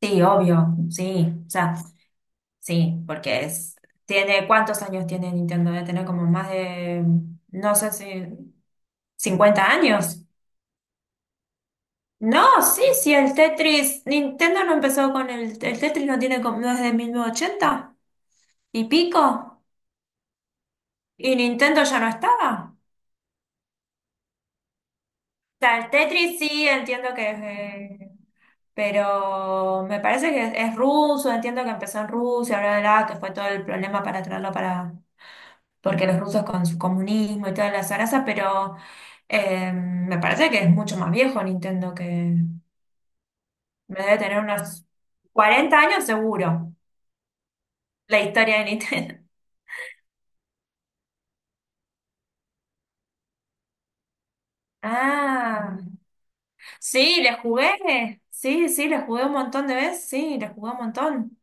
Sí, obvio, sí, o sea, sí, porque es, tiene, ¿cuántos años tiene Nintendo? Debe tener como más de, no sé si, 50 años. No, sí, sí, el Tetris, Nintendo no empezó con el Tetris, no tiene como, no es de 1980 y pico, y Nintendo ya no estaba. O sea, el Tetris sí, entiendo que, pero me parece que es ruso, entiendo que empezó en Rusia, bla, bla, bla, que fue todo el problema para traerlo, para porque los rusos con su comunismo y toda la zaraza, pero me parece que es mucho más viejo Nintendo, que me debe tener unos 40 años seguro, la historia de Nintendo. Ah, sí, le jugué, sí, sí, le jugué un montón de veces, sí, le jugué un montón.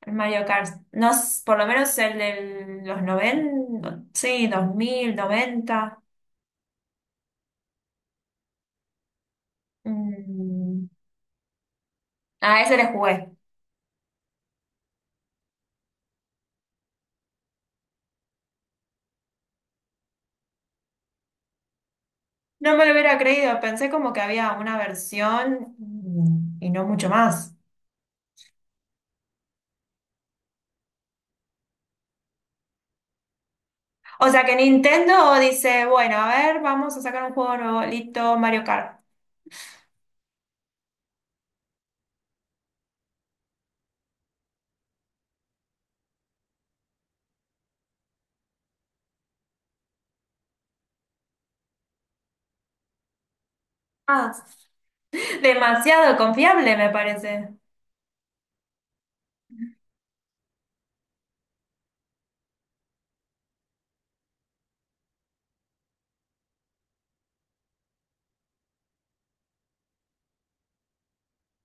El Mario Kart, no, por lo menos el de los 90 sí, 2000, 90. mm, A ese le jugué. No me lo hubiera creído, pensé como que había una versión, y no mucho más. O sea que Nintendo dice, bueno, a ver, vamos a sacar un juego nuevo, listo, Mario Kart. Ah, demasiado confiable me parece.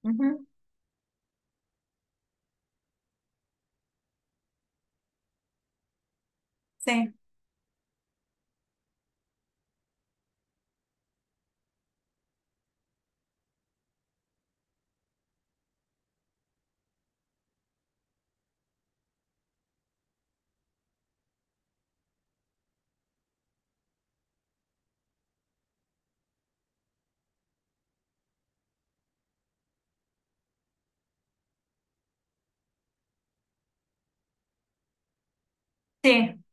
Ujú, sí, sí.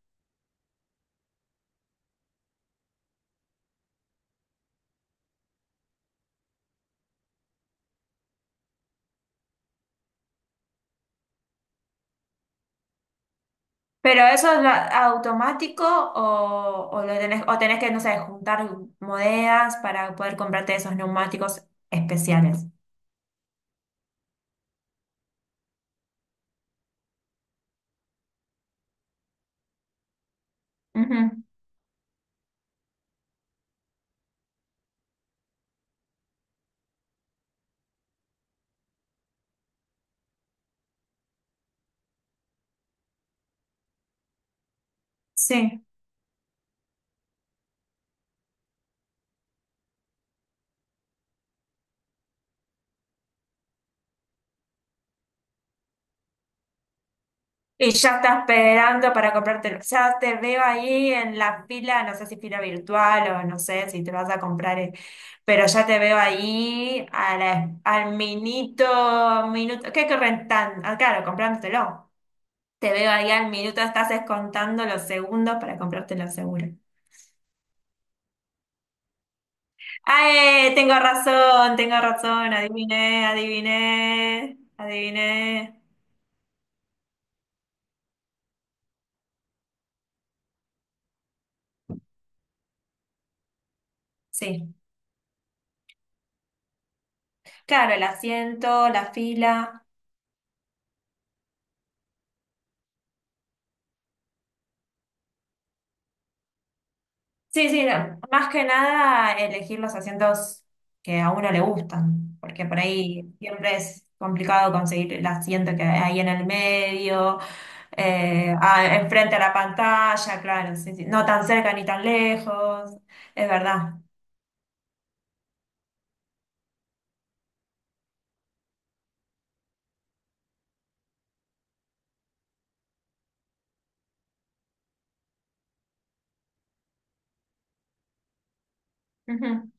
Pero eso es automático, o lo tenés, o tenés que, no sé, juntar monedas para poder comprarte esos neumáticos especiales. Ujú, sí. Y ya está esperando para comprártelo. Ya te veo ahí en la fila, no sé si fila virtual o no sé si te vas a comprar, pero ya te veo ahí a al minuto, minuto, ¿qué corren tan? Ah, claro, comprándotelo. Te veo ahí al minuto, estás descontando los segundos para comprártelo seguro. ¡Ay! Tengo razón, adiviné, adiviné, adiviné. Sí, claro, el asiento, la fila. Sí, sí, no. Más que nada elegir los asientos que a uno le gustan, porque por ahí siempre es complicado conseguir el asiento que hay en el medio, enfrente a la pantalla, claro, sí, sí. No tan cerca ni tan lejos, es verdad. Ujú.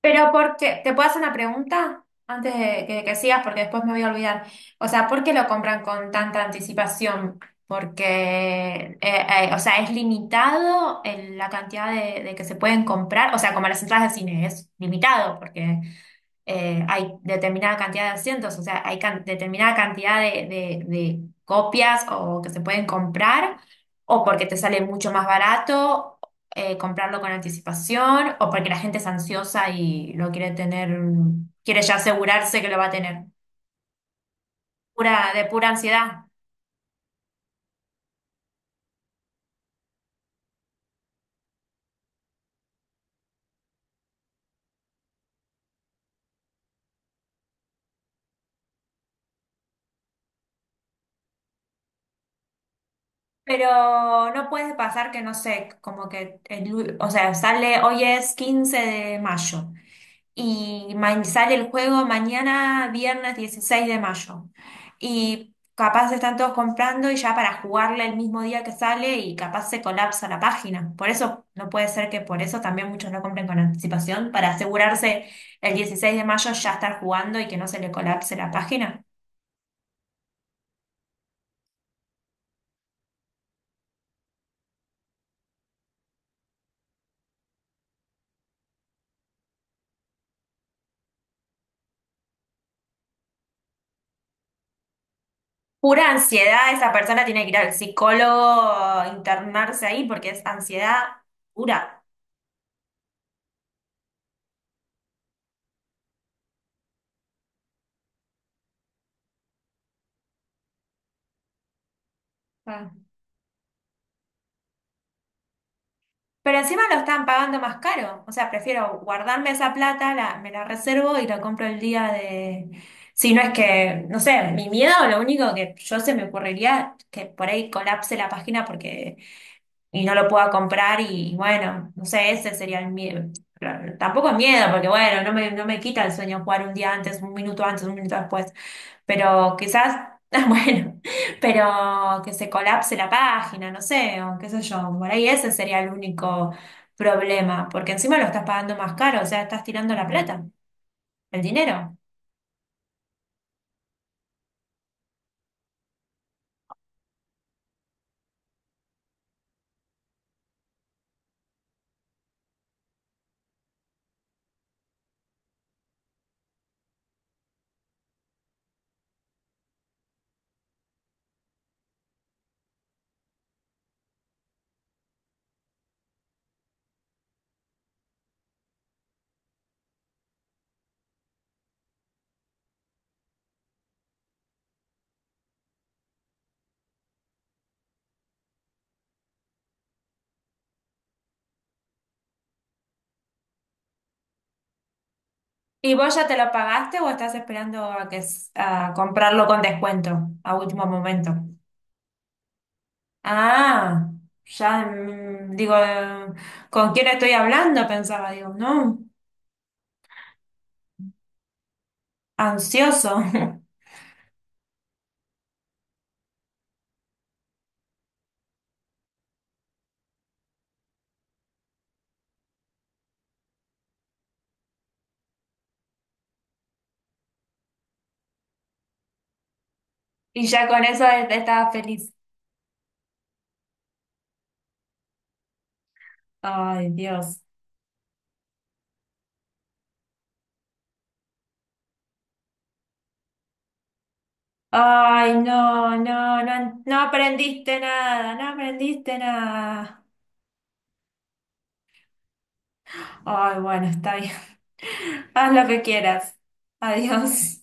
Pero porque, ¿te puedo hacer una pregunta antes de que sigas? Porque después me voy a olvidar. O sea, ¿por qué lo compran con tanta anticipación? Porque, o sea, ¿es limitado la cantidad de que se pueden comprar? O sea, como las entradas de cine, es limitado porque hay determinada cantidad de asientos, o sea, hay determinada cantidad de copias o que se pueden comprar, o porque te sale mucho más barato, comprarlo con anticipación, o porque la gente es ansiosa y lo quiere tener, quiere ya asegurarse que lo va a tener. Pura, de pura ansiedad. Pero no puede pasar que, no sé, como que, o sea, sale, hoy es 15 de mayo y sale el juego mañana, viernes 16 de mayo. Y capaz están todos comprando y ya para jugarle el mismo día que sale y capaz se colapsa la página. Por eso no puede ser, que por eso también muchos no compren con anticipación, para asegurarse el 16 de mayo ya estar jugando y que no se le colapse la página. Pura ansiedad, esa persona tiene que ir al psicólogo, internarse ahí porque es ansiedad pura. Ah. Pero encima lo están pagando más caro. O sea, prefiero guardarme esa plata, me la reservo y la compro el día de... Si no es que, no sé, mi miedo, lo único que yo se me ocurriría, que por ahí colapse la página porque y no lo pueda comprar y bueno, no sé, ese sería el miedo. Pero tampoco es miedo, porque bueno, no me quita el sueño jugar un día antes, un minuto después, pero quizás, bueno, pero que se colapse la página, no sé, o qué sé yo, por ahí ese sería el único problema, porque encima lo estás pagando más caro, o sea, estás tirando la plata, el dinero. ¿Y vos ya te lo pagaste o estás esperando a que a comprarlo con descuento a último momento? Ah, ya, digo, ¿con quién estoy hablando? Pensaba, digo, no, ansioso. Y ya con eso estaba feliz. Ay, Dios. Ay, no, no, no, no aprendiste nada, no aprendiste nada. Ay, bueno, está bien. Haz lo que quieras. Adiós.